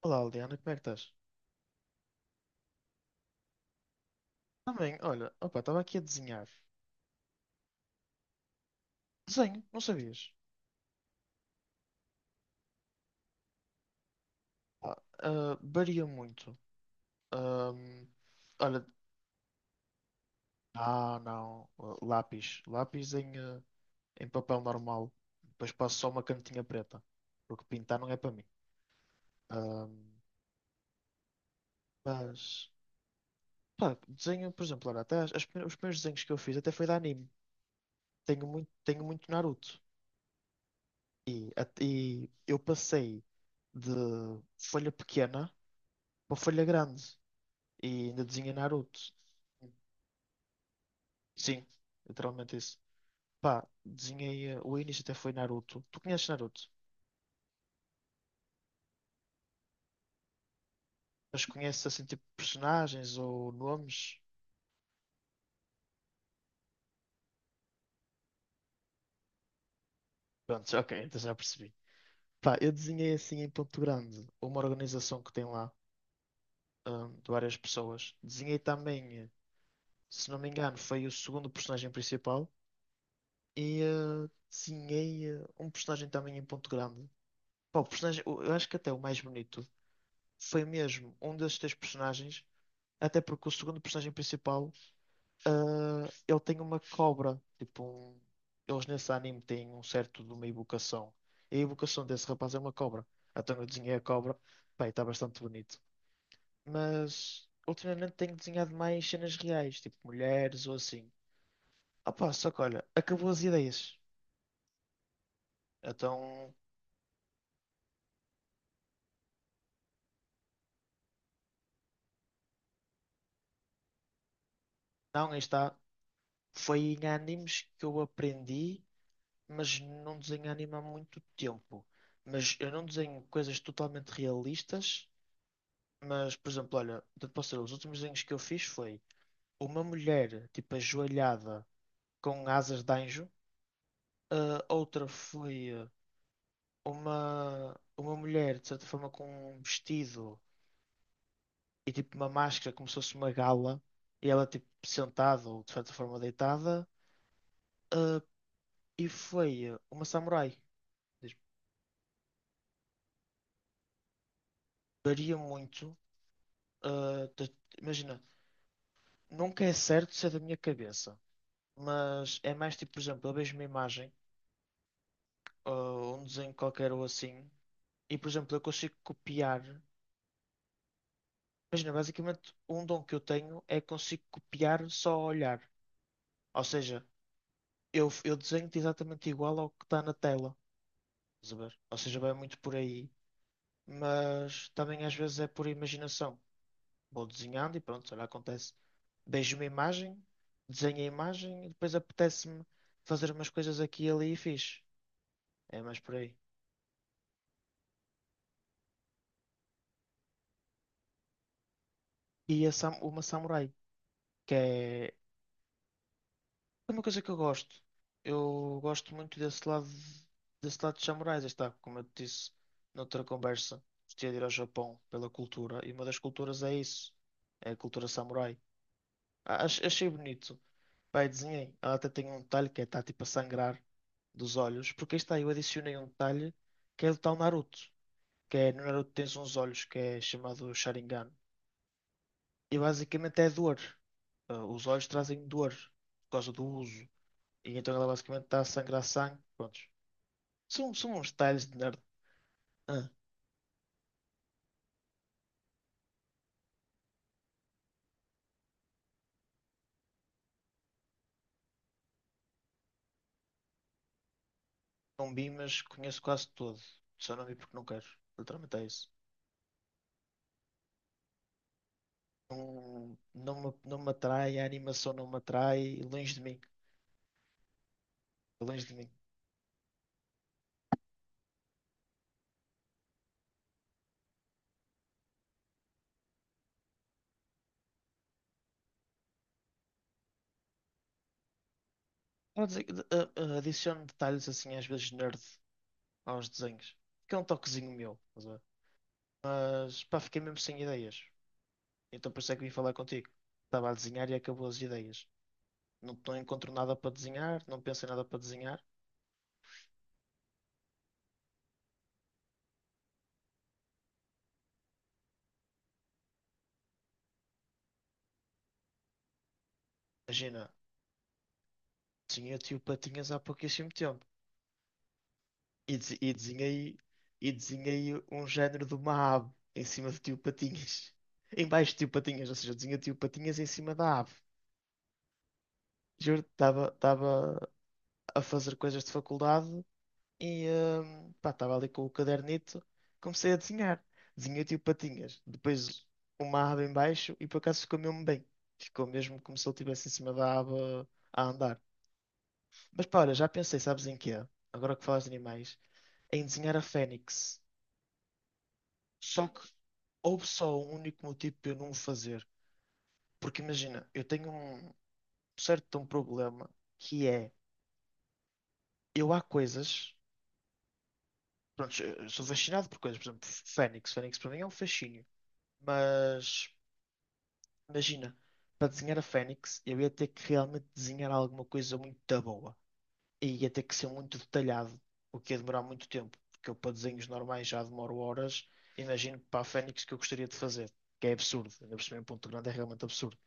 Olá, Liana, como é que estás? Também, olha, opa, estava aqui a desenhar. Desenho, não sabias? Ah, varia muito. Ahm, olha, não, lápis. Lápis em em papel normal. Depois passo só uma cantinha preta. Porque pintar não é para mim. Ahm, mas, pá, desenho, por exemplo, olha, até os primeiros desenhos que eu fiz até foi de anime. Tenho muito Naruto. E, e eu passei de folha pequena para folha grande. E ainda desenhei Naruto. Sim, literalmente isso. Pá, desenhei. O início até foi Naruto. Tu conheces Naruto? Mas conheces assim tipo personagens ou nomes? Prontos, ok, então já percebi. Pá, eu desenhei assim em Ponto Grande uma organização que tem lá, de várias pessoas. Desenhei também, se não me engano, foi o segundo personagem principal. E desenhei um personagem também em Ponto Grande. Pá, eu acho que até o mais bonito foi mesmo um desses três personagens. Até porque o segundo personagem principal, ele tem uma cobra. Eles nesse anime têm um certo de uma evocação. E a evocação desse rapaz é uma cobra. Então eu desenhei a cobra. Bem, está bastante bonito. Mas ultimamente tenho desenhado mais cenas reais, tipo mulheres ou assim. Opa, só que olha, acabou as ideias. Então, não, aí está. Foi em animes que eu aprendi, mas não desenho anime há muito tempo. Mas eu não desenho coisas totalmente realistas. Mas, por exemplo, olha, eu te posso dizer, os últimos desenhos que eu fiz foi uma mulher, tipo, ajoelhada com asas de anjo, outra foi uma mulher, de certa forma, com um vestido e, tipo, uma máscara, como se fosse uma gala, e ela, tipo, sentada ou, de certa forma, deitada, ah, e foi uma samurai. Diz, varia muito, ah, de- imagina, nunca é certo se é da minha cabeça, mas é mais, tipo, por exemplo, eu vejo uma imagem ou um desenho qualquer ou assim, e por exemplo, eu consigo copiar. Imagina, basicamente, um dom que eu tenho é que consigo copiar só ao olhar. Ou seja, eu desenho-te exatamente igual ao que está na tela. Estás a ver? Ou seja, vai muito por aí, mas também às vezes é por imaginação. Vou desenhando e pronto, olha, acontece. Vejo uma imagem, desenho a imagem e depois apetece-me fazer umas coisas aqui e ali e fiz. É mais por aí. E uma samurai, que é. É uma coisa que eu gosto. Eu gosto muito desse lado de samurais. Aí está, como eu te disse noutra conversa, gostaria de ir ao Japão pela cultura. E uma das culturas é isso. É a cultura samurai. Achei bonito. Pai, desenhei. Ela até tem um detalhe que é, está tipo a sangrar dos olhos. Porque aí está, eu adicionei um detalhe que é do tal Naruto. Que é, no Naruto tens uns olhos que é chamado Sharingan. E basicamente é dor. Os olhos trazem dor por causa do uso. E então ela basicamente está a sangrar sangue. Prontos. São uns detalhes de nerd. Ah, não vi, mas conheço quase todo. Só não vi porque não quero. Literalmente é isso. Não, não me atrai, a animação não me atrai. Longe de mim. Longe de mim. Vou dizer que, adiciono detalhes assim, às vezes nerd, aos desenhos. Que é um toquezinho meu. Estás a ver? Mas pá, fiquei mesmo sem ideias. Então por isso é que vim falar contigo. Estava a desenhar e acabou as ideias. Não, não encontro nada para desenhar, não penso em nada para desenhar. Imagina. Sim, eu tive patinhas há pouquíssimo tempo. E, e desenhei um género de uma ave em cima de tio patinhas. Em baixo de tio patinhas, ou seja, desenhei tio patinhas em cima da ave. Juro, estava a fazer coisas de faculdade e estava ali com o cadernito, comecei a desenhar. Desenhei tio patinhas, depois uma ave em baixo e por acaso ficou mesmo bem. Ficou mesmo como se ele estivesse em cima da ave a andar. Mas pá, olha, já pensei, sabes em quê? Agora que falas de animais. Em desenhar a Fênix. Só que houve só um único motivo para eu não o fazer. Porque imagina, eu tenho um certo de um problema que é eu há coisas. Pronto, eu sou fascinado por coisas, por exemplo, Fênix. Fênix para mim é um fascínio. Mas imagina, para desenhar a Fênix, eu ia ter que realmente desenhar alguma coisa muito boa. E ia ter que ser muito detalhado, o que ia demorar muito tempo, porque eu para desenhos normais já demoro horas, imagino para a Fênix que eu gostaria de fazer, que é absurdo, ainda por cima em Ponto Grande é realmente absurdo.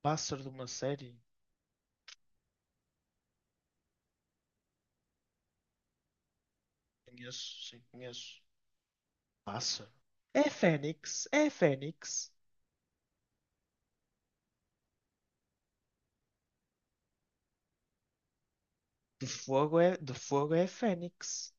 Pássaro de uma série? Conheço, sim, conheço. Pássaro? É Fênix, é Fênix. De fogo é Fênix.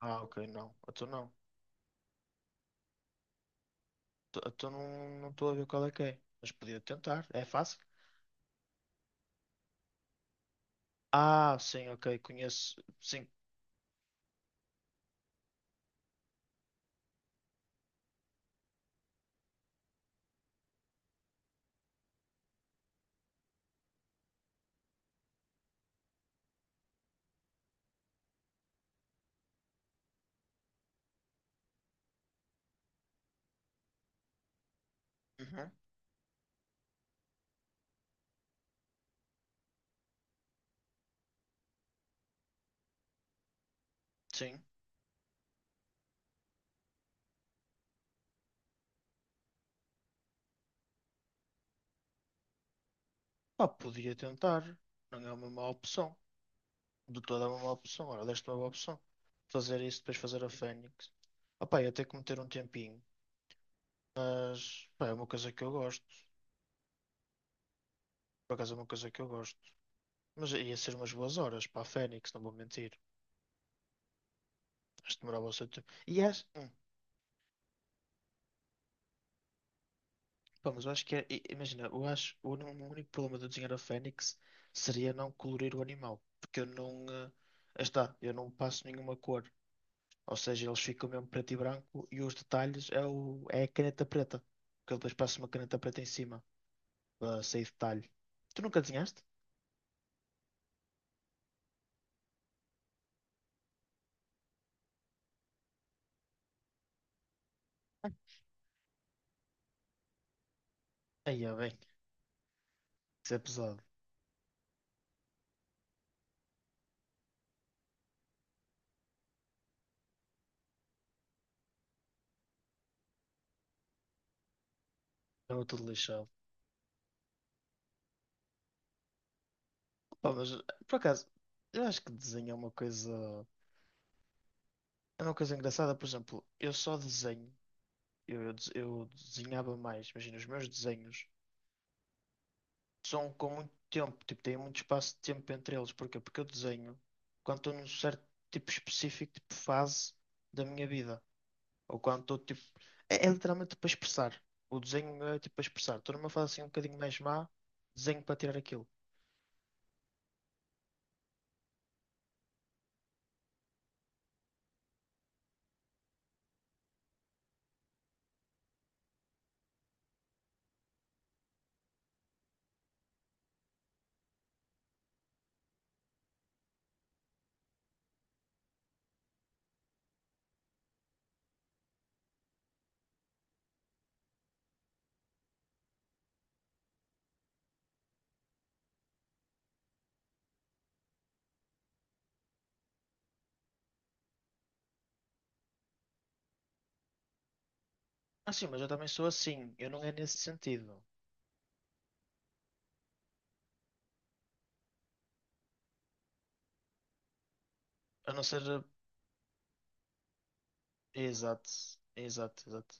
Ah, ok, não, eu não. Eu não estou a ver qual é que é, mas podia tentar, é fácil. Ah, sim, ok, conheço, sim, uhum, sim. Pá, podia tentar. Não é uma má opção. De toda é uma má opção. Ora, deste é uma boa opção. Fazer isso, depois fazer a Fênix. Ah, pá, ia ter que meter um tempinho. Mas, pá, é uma coisa que eu gosto. Por acaso é uma coisa que eu gosto. Mas ia ser umas boas horas para a Fênix, não vou mentir. Acho que demorava o seu tempo. E acho. Pá, mas eu acho que é. Imagina, eu acho. O único problema de eu desenhar a Fênix seria não colorir o animal. Porque eu não. Aí está, eu não passo nenhuma cor. Ou seja, eles ficam mesmo preto e branco e os detalhes é, é a caneta preta. Porque eu depois passo uma caneta preta em cima para sair detalhe. Tu nunca desenhaste? Aí é bem, isso é pesado. Eu tudo lixado. Pá, mas por acaso, eu acho que desenho é uma coisa. É uma coisa engraçada. Por exemplo, eu só desenho. Eu desenhava mais. Imagina, os meus desenhos são com muito tempo. Tipo, tem muito espaço de tempo entre eles. Porquê? Porque eu desenho quando estou num certo tipo específico, tipo fase da minha vida. Ou quando estou tipo. É literalmente para expressar. O desenho é tipo para expressar. Estou numa fase assim um bocadinho mais má, desenho para tirar aquilo. Ah, sim, mas eu também sou assim. Eu não é nesse sentido. A não ser. Exato, exato, exato.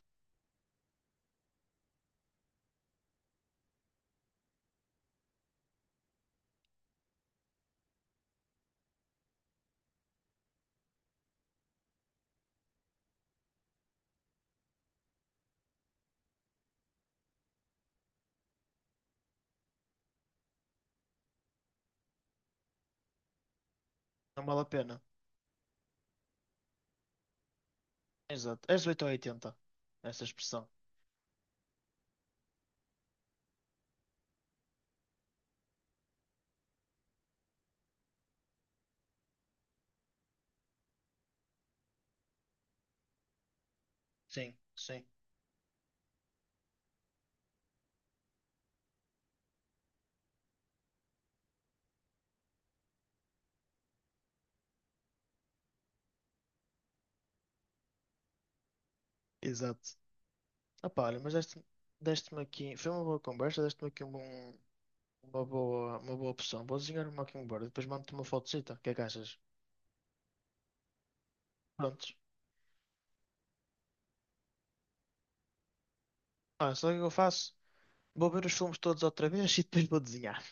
Não vale a pena. Exato. És 8 ou 80. Essa expressão. Sim, sim. Exato. Ah, pá, deste-me aqui. Foi uma boa conversa, deste-me aqui um bom- uma boa opção. Vou desenhar um Mockingbird e depois mando-te uma fotocita. O que é que achas? Prontos. Ah, sabe o que eu faço? Vou ver os filmes todos outra vez e depois vou desenhar.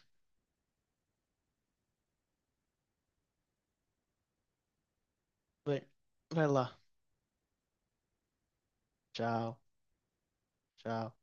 Bem, vai lá. Tchau, tchau.